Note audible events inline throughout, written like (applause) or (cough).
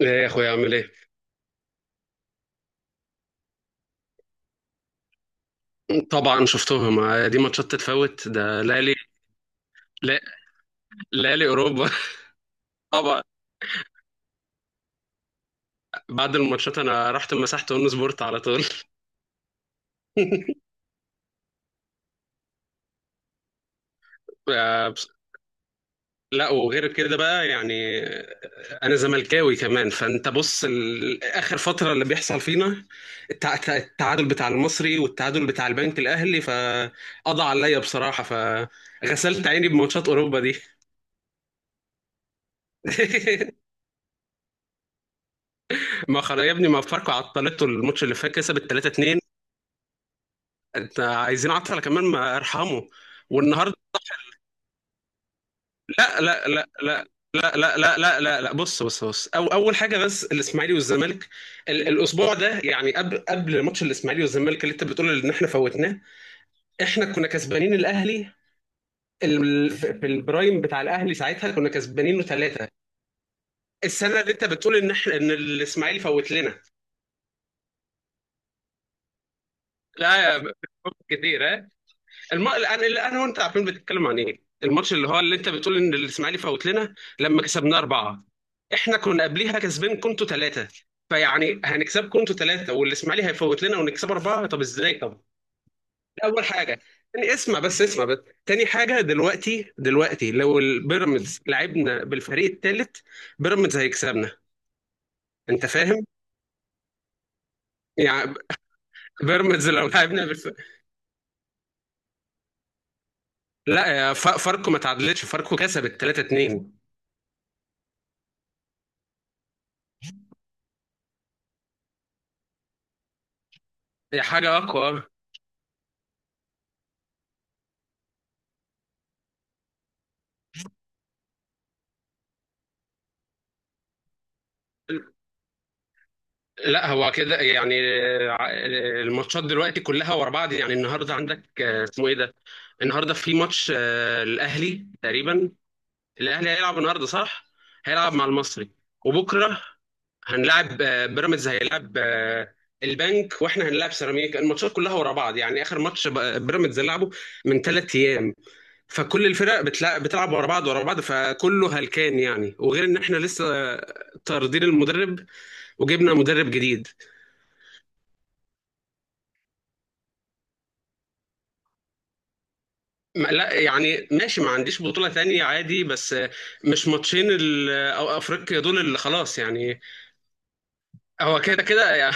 ايه يا اخويا، عامل ايه؟ طبعا شفتهم. دي ماتشات تتفوت، ده ليالي. لا- ليالي اوروبا. (laughs) طبعا. بعد الماتشات انا رحت مسحت اون سبورت على طول. (laughs) آه، بس- لا وغير كده بقى يعني. انا زملكاوي كمان، فانت بص، اخر فتره اللي بيحصل فينا التعادل بتاع المصري والتعادل بتاع البنك الاهلي، فقضى عليا بصراحه، فغسلت عيني بماتشات اوروبا دي. (laughs) ما خلاص يا ابني، ما فاركو عطلته الماتش اللي فات، كسب 3-2. انت عايزين عطله كمان؟ ما ارحمه. والنهارده، لا لا لا لا، لا لا لا لا لا لا، بص بص بص، أو اول حاجه بس الاسماعيلي والزمالك. الاسبوع ده يعني، قبل ماتش الاسماعيلي والزمالك اللي انت بتقول ان احنا فوتناه، احنا كنا كسبانين الاهلي، في البرايم بتاع الاهلي ساعتها كنا كسبانينه ثلاثه، السنه اللي انت بتقول ان احنا الاسماعيلي فوت لنا. لا يا ب- كتير. الان اللي انا وانت عارفين بتتكلم عن ايه، الماتش اللي انت بتقول ان الاسماعيلي فوت لنا لما كسبنا اربعه. احنا كنا قبليها كسبين كنتوا ثلاثه، فيعني هنكسبكم انتوا ثلاثه والاسماعيلي هيفوت لنا ونكسب اربعه؟ طب ازاي طب؟ دي اول حاجه. تاني، اسمع بس، اسمع بس، تاني حاجه: دلوقتي لو البيراميدز لعبنا بالفريق الثالث، بيراميدز هيكسبنا. انت فاهم؟ يعني بيراميدز لو لعبنا بالف... لا يا ف- فاركو ما تعادلتش، فاركو كسبت 3-2. هي حاجه اقوى. لا هو كده يعني. ع- الماتشات دلوقتي كلها ورا بعض، يعني النهارده عندك، اسمه ايه ده، النهارده في ماتش، الاهلي تقريبا. الاهلي هيلعب النهارده، صح؟ هيلعب مع المصري. وبكره هنلعب، بيراميدز هيلعب، البنك، واحنا هنلعب سيراميكا. الماتشات كلها ورا بعض يعني، اخر ماتش بيراميدز لعبه من ثلاث ايام، فكل الفرق بتلعب ورا بعض ورا بعض، فكله هلكان يعني. وغير ان احنا لسه، طاردين المدرب وجبنا مدرب جديد. لا يعني ماشي، ما عنديش بطولة تانية عادي، بس مش ماتشين أو أفريقيا دول اللي خلاص يعني. هو كده كده يعني.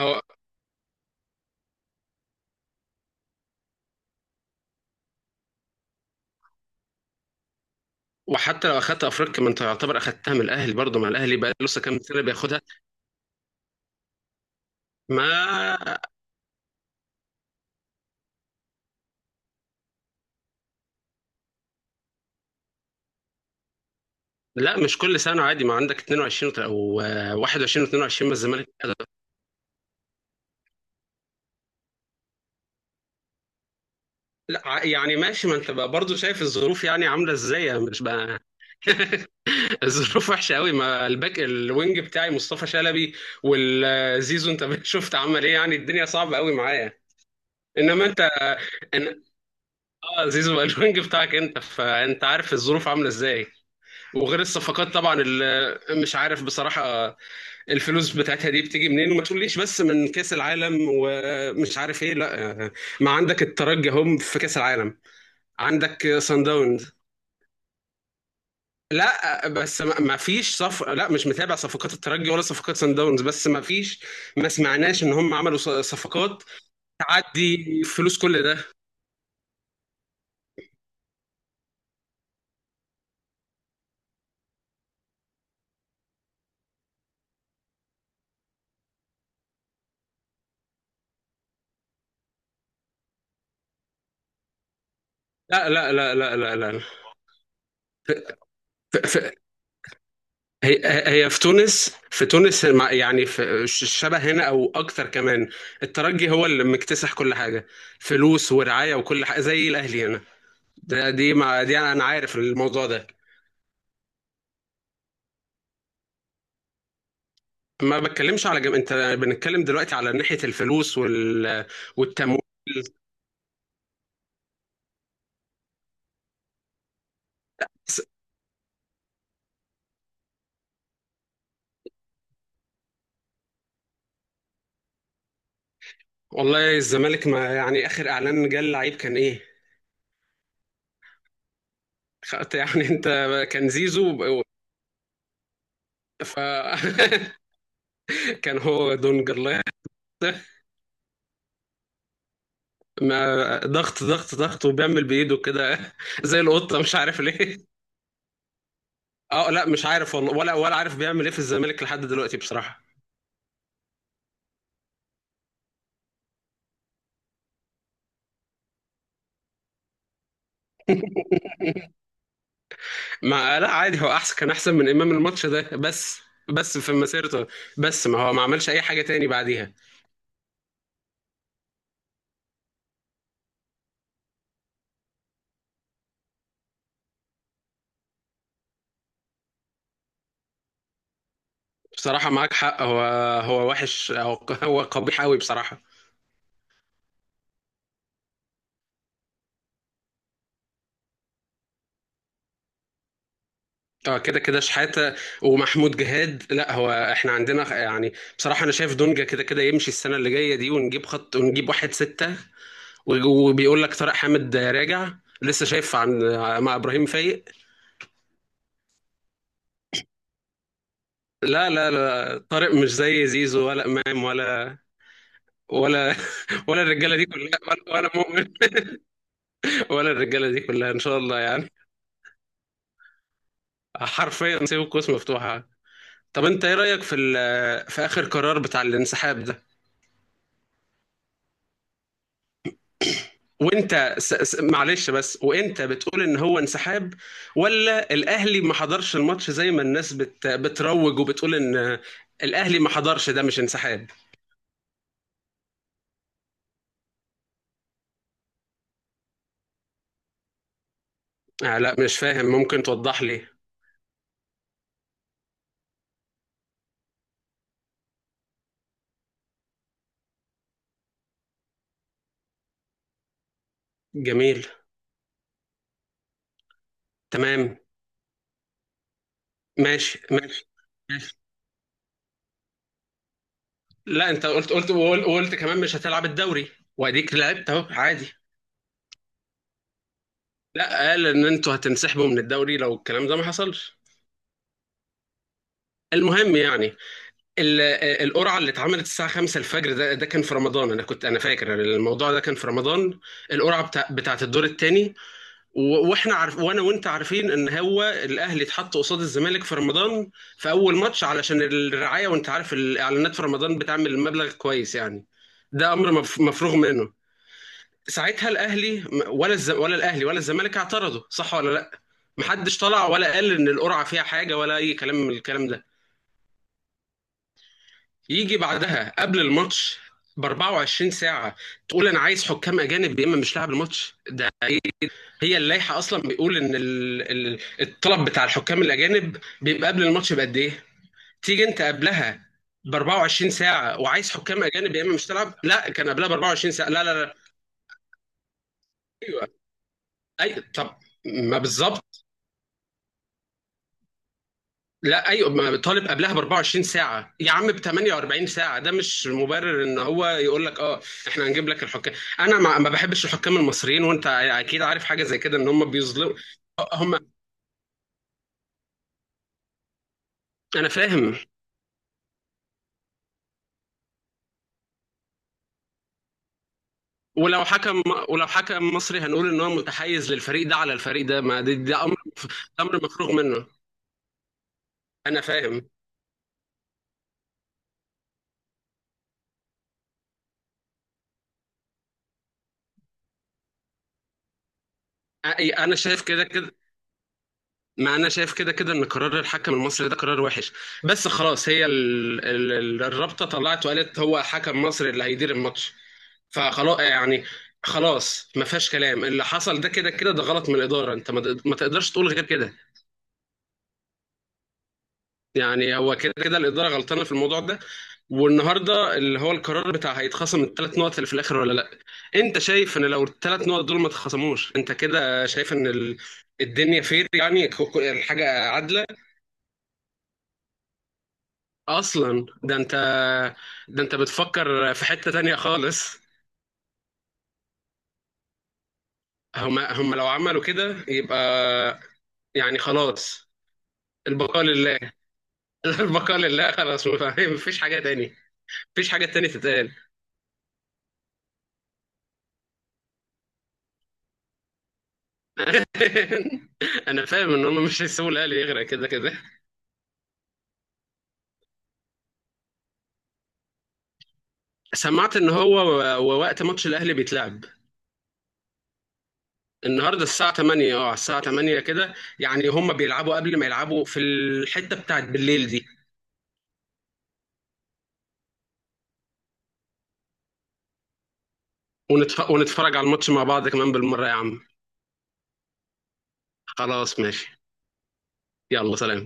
هو، وحتى لو أخدت أفريقيا ما أنت يعتبر أخدتها من الأهلي برضه، ما الأهلي بقى لسه كام سنة بياخدها؟ ما لا، مش كل سنة عادي، ما عندك 22 و 21 و22 بس الزمالك. لا ع- يعني ماشي، ما انت بقى برضه شايف الظروف يعني عامله ازاي، مش بقى. (laughs) الظروف وحشه قوي، ما الباك الوينج بتاعي مصطفى شلبي والزيزو انت، (laughs) شفت عمل ايه؟ يعني الدنيا صعبه قوي معايا. انما انت ان اه زيزو بقى الوينج بتاعك انت، فانت عارف الظروف عامله ازاي. وغير الصفقات طبعا اللي مش عارف بصراحه، الفلوس بتاعتها دي بتيجي منين؟ وما تقوليش بس من كاس العالم ومش عارف ايه، لا. ما عندك الترجي هم في كاس العالم، عندك صن داونز. لا بس ما فيش صف، لا مش متابع صفقات الترجي ولا صفقات سان داونز، بس ما فيش، ما سمعناش ان هم عملوا صفقات. تعدي فلوس كل ده. لا لا لا لا لا لا. ف... ف... هي، هي في تونس، يعني في شبه هنا او اكتر كمان. الترجي هو اللي مكتسح كل حاجه، فلوس ورعايه وكل حاجه زي الاهلي هنا. ده دي مع... دي انا عارف الموضوع ده. ما انت بنتكلم دلوقتي على ناحيه الفلوس والتمويل. والله الزمالك ما يعني اخر اعلان جه اللعيب كان ايه؟ يعني انت كان زيزو ف (laughs) كان هو دونج الله يحفظه. ما ضغط ضغط ضغط وبيعمل بايده كده (laughs) زي القطه مش عارف ليه. اه لا مش عارف والله، ولا عارف بيعمل ايه في الزمالك لحد دلوقتي بصراحه. (laughs) ما لا عادي، هو احسن كان احسن من امام الماتش ده بس، بس في مسيرته، بس ما هو ما عملش اي حاجه تاني بعديها. بصراحه معاك حق، هو، هو وحش، هو، هو قبيح قوي بصراحه. اه كده كده شحاته ومحمود جهاد. لا هو احنا عندنا يعني بصراحه انا شايف دونجا كده كده يمشي السنه اللي جايه دي، ونجيب خط ونجيب واحد سته، وبيقول لك طارق حامد راجع لسه. شايف عن مع ابراهيم فايق؟ لا لا لا، طارق مش زي زيزو ولا امام ولا، ولا (laughs) ولا الرجاله دي كلها، ولا مؤمن ولا الرجاله دي كلها ان شاء الله يعني. حرفيا سيب القوس مفتوحه. طب انت ايه رايك في في اخر قرار بتاع الانسحاب ده؟ وانت معلش بس، وانت بتقول ان هو انسحاب ولا الاهلي ما حضرش الماتش، زي ما الناس بتروج وبتقول ان الاهلي ما حضرش. ده مش انسحاب. آه لا، مش فاهم، ممكن توضح لي؟ جميل. تمام. ماشي ماشي ماشي. لا، انت قلت وقلت وقلت كمان مش هتلعب الدوري، واديك لعبت اهو عادي. لا قال ان انتوا هتنسحبوا من الدوري لو الكلام ده ما حصلش. المهم يعني، ال- القرعه اللي اتعملت الساعه 5 الفجر ده كان في رمضان، انا فاكر الموضوع ده كان في رمضان. القرعه بتاعت الدور الثاني. واحنا عارف، وانا وانت عارفين ان هو الاهلي اتحط قصاد الزمالك في رمضان في اول ماتش علشان الرعايه، وانت عارف الاعلانات في رمضان بتعمل مبلغ كويس يعني. ده امر مفروغ منه. ساعتها الاهلي ولا الزمالك اعترضوا؟ صح ولا لا؟ محدش طلع ولا قال ان القرعه فيها حاجه ولا اي كلام من الكلام ده. يجي بعدها قبل الماتش ب 24 ساعة تقول أنا عايز حكام أجانب يا إما مش لاعب الماتش، ده إيه؟ هي اللائحة أصلا بيقول إن الطلب بتاع الحكام الأجانب بيبقى قبل الماتش بقد إيه؟ تيجي أنت قبلها ب 24 ساعة وعايز حكام أجانب يا إما مش تلعب؟ لا كان قبلها ب 24 ساعة. لا لا لا. أيوه. أي طب. ما بالظبط. لا ايوه، ما طالب قبلها ب 24 ساعه يا عم، ب 48 ساعه ده مش مبرر ان هو يقول لك اه احنا هنجيب لك الحكام. انا ما بحبش الحكام المصريين، وانت اكيد عارف حاجه زي كده ان هم بيظلموا. هم. انا فاهم. ولو حكم، ولو حكم مصري هنقول ان هو متحيز للفريق ده على الفريق ده، ما ده, امر. ده امر مفروغ منه. انا فاهم. انا شايف كده كده. ما انا شايف كده كده ان قرار الحكم المصري ده قرار وحش، بس خلاص، هي ال... ال... ال- الرابطه طلعت وقالت هو حكم مصري اللي هيدير الماتش، فخلاص يعني. خلاص ما فيهاش كلام، اللي حصل ده كده كده، ده غلط من الاداره، انت ما تقدرش تقول غير كده. يعني هو كده كده الاداره غلطانه في الموضوع ده. والنهارده اللي هو القرار بتاع هيتخصم الثلاث نقط اللي في الاخر ولا لا؟ انت شايف ان لو الثلاث نقط دول ما اتخصموش، انت كده شايف ان الدنيا فير يعني، الحاجه عادله؟ اصلا ده انت، ده انت بتفكر في حتة تانية خالص. هم لو عملوا كده يبقى، يعني خلاص، البقاء لله. (laughs) البقاء لله، خلاص فاهم، مفيش حاجة تاني، مفيش حاجة تانية تتقال. (laughs) انا فاهم ان هم مش هيسيبوا الاهلي يغرق كده كده. سمعت ان هو و- ووقت ماتش الاهلي بيتلعب النهارده الساعة 8. اه، على الساعة 8 كده يعني. هم بيلعبوا قبل ما يلعبوا في الحتة بتاعت بالليل دي. ونتفرج على الماتش مع بعض كمان بالمرة يا عم. خلاص ماشي. يلا سلام.